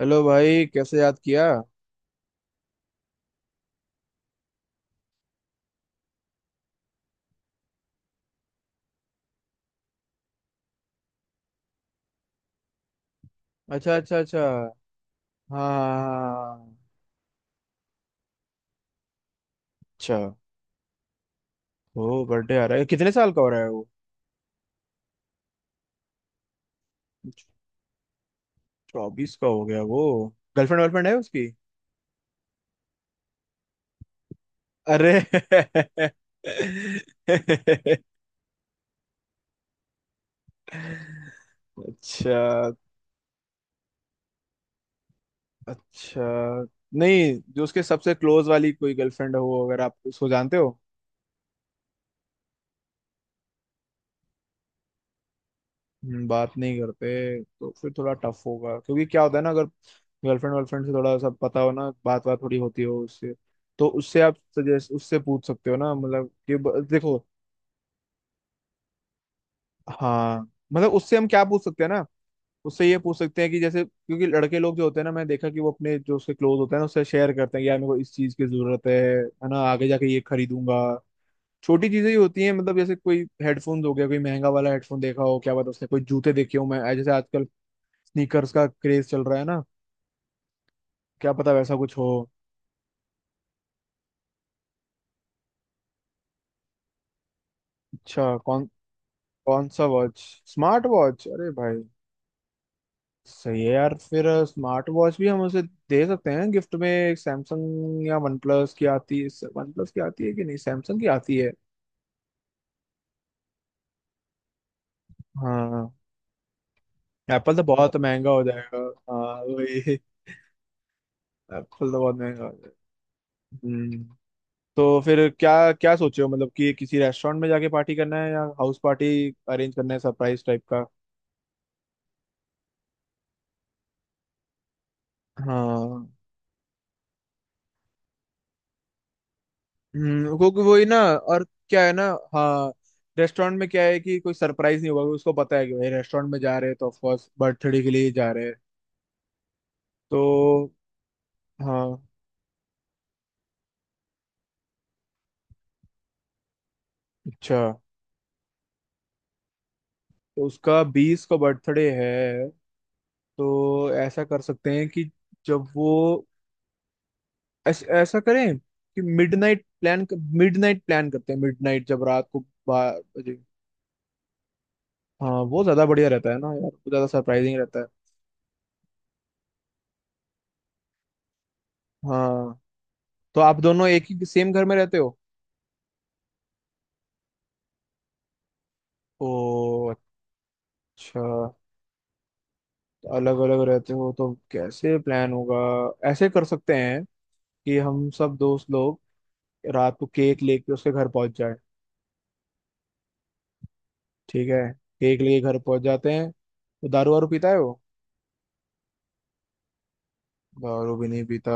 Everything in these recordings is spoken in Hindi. हेलो भाई, कैसे याद किया। अच्छा, अच्छा, अच्छा। हाँ, हाँ, हाँ। अच्छा। ओ, बर्थडे आ रहा है। कितने साल का हो रहा है वो? 24 का हो गया वो? गर्लफ्रेंड वर्लफ्रेंड है उसकी? अरे। अच्छा, अच्छा। नहीं, जो उसके सबसे क्लोज वाली कोई गर्लफ्रेंड हो, अगर आप उसको जानते हो। बात नहीं करते तो फिर थोड़ा टफ होगा, क्योंकि क्या होता है ना, अगर गर्लफ्रेंड वर्लफ्रेंड से थोड़ा सब पता हो ना, बात बात थोड़ी होती हो उससे। तो उससे आप सजेस्ट, उससे पूछ सकते हो ना, मतलब कि देखो। हाँ, मतलब उससे हम क्या पूछ सकते हैं ना। उससे ये पूछ सकते हैं कि जैसे, क्योंकि लड़के लोग जो होते हैं ना, मैं देखा कि वो अपने जो उसके क्लोज होते हैं ना, उससे शेयर करते हैं कि यार, मेरे को इस चीज की जरूरत है ना, आगे जाके ये खरीदूंगा। छोटी चीजें ही होती हैं, मतलब जैसे कोई हेडफोन हो गया, कोई महंगा वाला हेडफोन देखा हो, क्या पता उसने कोई जूते देखे हो, मैं जैसे आजकल स्नीकर्स का क्रेज चल रहा है ना। क्या पता वैसा कुछ हो। अच्छा, कौन? कौन सा वॉच? Smart watch? अरे भाई! सही है यार, फिर स्मार्ट वॉच भी हम उसे दे सकते हैं गिफ्ट में। एक सैमसंग या वन प्लस की आती है, वन प्लस की आती है कि नहीं, सैमसंग की आती है। हाँ। एप्पल तो बहुत महंगा हो जाएगा। हाँ वही। एप्पल तो बहुत महंगा हो जाएगा। हम्म। तो फिर क्या क्या सोचे हो, मतलब कि किसी रेस्टोरेंट में जाके पार्टी करना है, या हाउस पार्टी अरेंज करना है, सरप्राइज टाइप का? हाँ। क्योंकि वही ना, और क्या है ना। हाँ। रेस्टोरेंट में क्या है कि कोई सरप्राइज नहीं होगा, उसको पता है कि भाई रेस्टोरेंट में जा रहे हैं, तो ऑफकोर्स बर्थडे के लिए ही जा रहे हैं। तो हाँ, अच्छा, तो उसका 20 का बर्थडे है। तो ऐसा कर सकते हैं कि जब वो ऐसा करें कि मिडनाइट प्लान, मिडनाइट प्लान करते हैं, मिडनाइट, जब रात को 12 बजे। हाँ, वो ज्यादा बढ़िया रहता है ना यार, वो ज्यादा सरप्राइजिंग रहता है। हाँ, तो आप दोनों एक ही सेम घर में रहते हो? ओ, अच्छा। अलग अलग रहते हो तो कैसे प्लान होगा? ऐसे कर सकते हैं कि हम सब दोस्त लोग रात को केक लेके उसके घर पहुंच जाए। ठीक है। केक लेके घर पहुंच जाते हैं, तो दारू वारू पीता है वो? दारू भी नहीं पीता?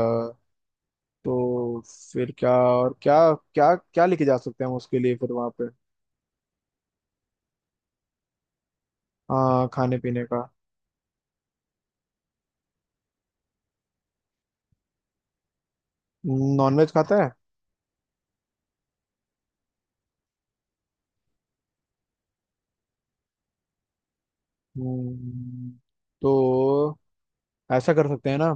तो फिर क्या और क्या, क्या क्या लेके जा सकते हैं हम उसके लिए फिर वहां पे? हाँ, खाने पीने का। नॉनवेज खाता है? हम्म, तो ऐसा कर सकते हैं ना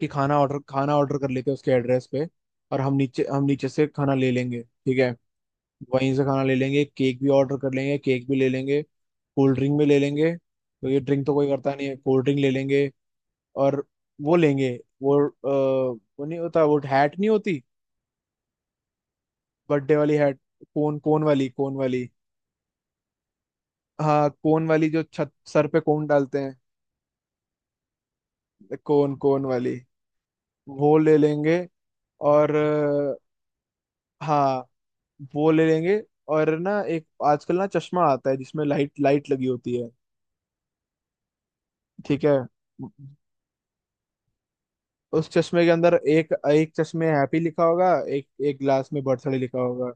कि खाना ऑर्डर कर लेते हैं उसके एड्रेस पे, और हम नीचे से खाना ले लेंगे, ठीक है। वहीं से खाना ले लेंगे, केक भी ऑर्डर कर लेंगे, केक भी ले लेंगे। कोल्ड ड्रिंक भी ले लेंगे, तो ये ड्रिंक तो कोई करता नहीं है, कोल्ड ड्रिंक ले लेंगे। और वो लेंगे, वो वो नहीं होता वो, हैट नहीं होती? बर्थडे वाली हैट। कोन कोन वाली, कोन वाली। हाँ, कोन वाली, जो छत सर पे कोन डालते हैं। कोन कोन वाली। वो ले लेंगे। और हाँ, वो ले लेंगे। और ना एक आजकल ना चश्मा आता है, जिसमें लाइट लाइट लगी होती है। ठीक है। उस चश्मे के अंदर एक एक चश्मे हैप्पी लिखा होगा, एक एक ग्लास में बर्थडे लिखा होगा।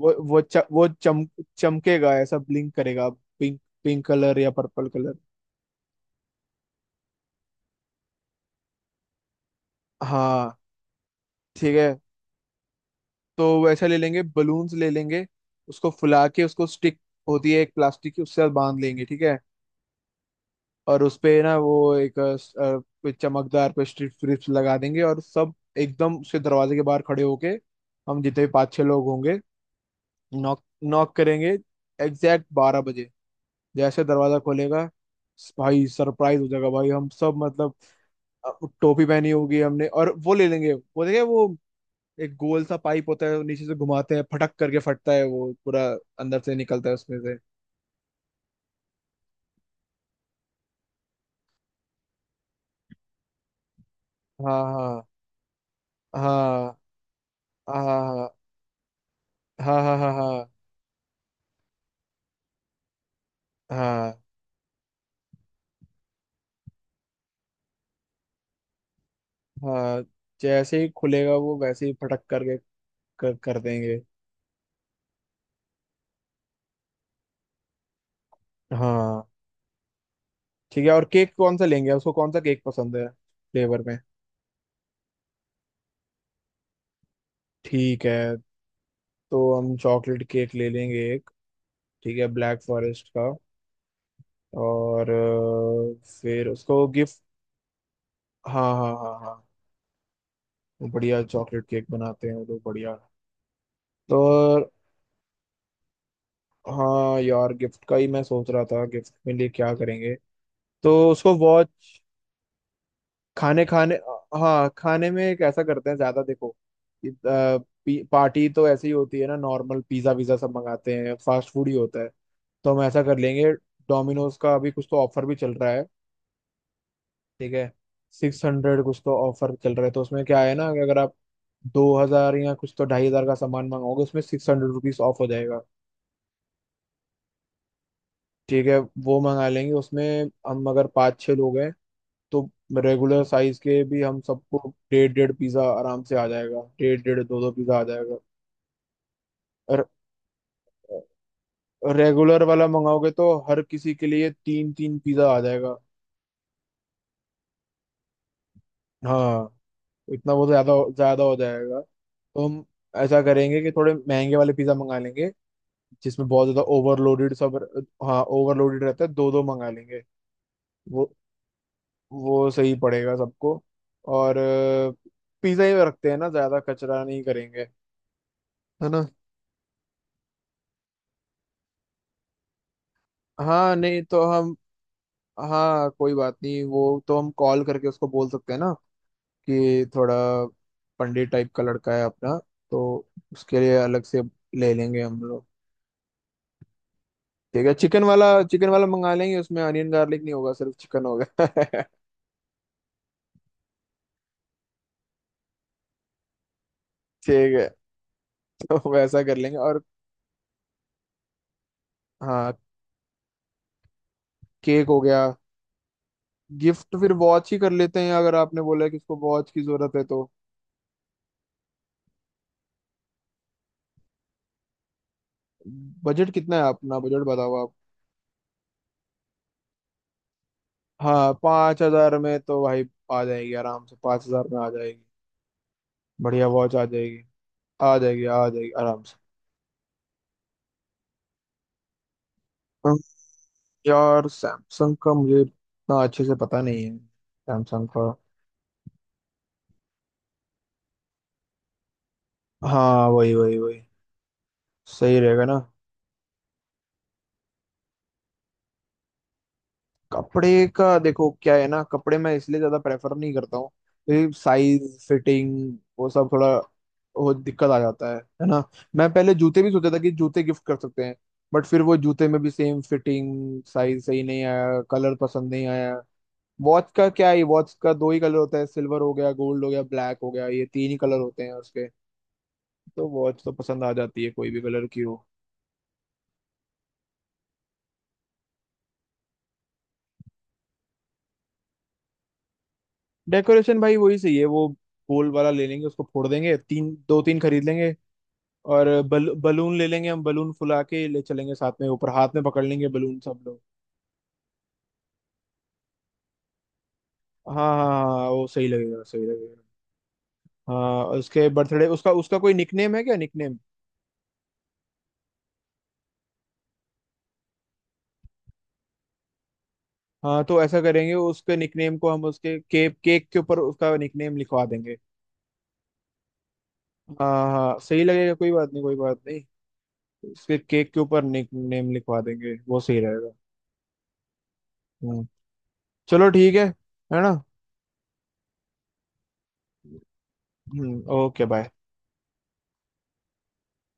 वो चमकेगा, ऐसा ब्लिंक करेगा, पिंक पिंक कलर या पर्पल कलर। हाँ। ठीक है। तो वैसा ले लेंगे, बलून्स ले लेंगे। उसको फुला के, उसको स्टिक होती है एक प्लास्टिक की, उससे बांध लेंगे, ठीक है। और उसपे ना वो एक कोई चमकदार पे स्ट्रिप्स लगा देंगे, और सब एकदम उसके दरवाजे के बाहर खड़े होके, हम जितने भी पाँच छह लोग होंगे, नॉक, नॉक करेंगे एग्जैक्ट 12 बजे। जैसे दरवाजा खोलेगा, भाई सरप्राइज हो जाएगा भाई, हम सब, मतलब अ, टोपी पहनी होगी हमने, और वो ले लेंगे, वो देखे वो, एक गोल सा पाइप होता है, वो नीचे से घुमाते हैं, फटक करके फटता है वो पूरा, अंदर से निकलता है उसमें से। हाँ, हाँ, हाँ, हाँ, हाँ, हाँ, हाँ, हाँ, हाँ, हाँ, हाँ। जैसे ही खुलेगा वो, वैसे ही फटक करके कर देंगे। हाँ, ठीक है, और केक कौन सा लेंगे? उसको कौन सा केक पसंद है फ्लेवर में? ठीक है, तो हम चॉकलेट केक ले लेंगे एक। ठीक है, ब्लैक फॉरेस्ट का। और फिर उसको गिफ्ट। हाँ, हाँ, हाँ, हाँ। वो बढ़िया चॉकलेट केक बनाते हैं वो लोग, बढ़िया। तो हाँ यार, गिफ्ट का ही मैं सोच रहा था, गिफ्ट में लिए क्या करेंगे। तो उसको वॉच। खाने, खाने, हाँ, खाने में कैसा करते हैं ज्यादा, देखो इ- अ, पार्टी तो ऐसे ही होती है ना, नॉर्मल पिज्जा विज़ा सब मंगाते हैं, फास्ट फूड ही होता है। तो हम ऐसा कर लेंगे। डोमिनोज का अभी कुछ तो ऑफर भी चल रहा है। ठीक है। 600 कुछ तो ऑफर चल रहा है, तो उसमें क्या है ना, कि अगर आप 2,000 या कुछ तो 2,500 का सामान मंगाओगे, उसमें ₹600 ऑफ हो जाएगा। ठीक है, वो मंगा लेंगे उसमें। हम अगर पाँच छः लोग हैं, तो रेगुलर साइज के भी हम सबको डेढ़ डेढ़ पिज्जा आराम से आ जाएगा, डेढ़ डेढ़, दो दो पिज्जा आ जाएगा। और रेगुलर वाला मंगाओगे तो हर किसी के लिए तीन तीन पिज्जा आ जाएगा। हाँ, इतना बहुत ज्यादा ज्यादा हो जाएगा, तो हम ऐसा करेंगे कि थोड़े महंगे वाले पिज्जा मंगा लेंगे, जिसमें बहुत ज्यादा ओवरलोडेड सब। हाँ ओवरलोडेड रहता है, दो दो मंगा लेंगे। वो वो सही पड़ेगा सबको। और पिज्जा ही रखते हैं ना, ज्यादा कचरा नहीं करेंगे, है ना। हाँ, नहीं तो हम, हाँ कोई बात नहीं, वो तो हम कॉल करके उसको बोल सकते हैं ना, कि थोड़ा पंडित टाइप का लड़का है अपना, तो उसके लिए अलग से ले लेंगे हम लोग। ठीक है, चिकन वाला मंगा लेंगे, उसमें अनियन गार्लिक नहीं होगा, सिर्फ चिकन होगा। ठीक है, तो वैसा कर लेंगे, और हाँ, केक हो गया, गिफ्ट फिर वॉच ही कर लेते हैं, अगर आपने बोला है कि इसको वॉच की जरूरत है तो। बजट कितना है, अपना बजट बताओ आप। हाँ, 5,000 में तो भाई आ जाएगी आराम से, 5,000 में आ जाएगी, बढ़िया वॉच आ जाएगी। आ जाएगी, आ जाएगी आराम से। अम, यार सैमसंग का मुझे इतना अच्छे से पता नहीं है सैमसंग का। हाँ, वही, वही, वही, सही रहेगा ना। कपड़े का देखो क्या है ना, कपड़े मैं इसलिए ज्यादा प्रेफर नहीं करता हूँ, क्योंकि साइज फिटिंग वो सब थोड़ा वो दिक्कत आ जाता है ना। मैं पहले जूते भी सोचा था कि जूते गिफ्ट कर सकते हैं, बट फिर वो जूते में भी सेम फिटिंग साइज सही नहीं आया, कलर पसंद नहीं आया। वॉच का क्या है, वॉच का दो ही कलर होता है, सिल्वर हो गया, गोल्ड हो गया, ब्लैक हो गया, ये तीन ही कलर होते हैं उसके। तो वॉच तो पसंद आ जाती है कोई भी कलर की हो। डेकोरेशन भाई वही सही है वो, गोल वाला ले लेंगे, उसको फोड़ देंगे, तीन, दो तीन खरीद लेंगे। और बलून ले लेंगे, हम बलून फुला के ले चलेंगे, साथ में ऊपर हाथ में पकड़ लेंगे बलून सब लोग। हाँ, हाँ, हाँ, हाँ, वो सही लगेगा, सही लगेगा। हाँ, उसके बर्थडे, उसका उसका कोई निकनेम है क्या, निकनेम? हाँ तो ऐसा करेंगे, उसके निकनेम को हम उसके केक, केक के ऊपर उसका निकनेम लिखवा देंगे। हाँ, हाँ, सही लगेगा, कोई बात नहीं, कोई बात नहीं। इसके केक के ऊपर नेम लिखवा देंगे, वो सही रहेगा। हम्म, चलो ठीक है ना। हम्म, ओके, बाय।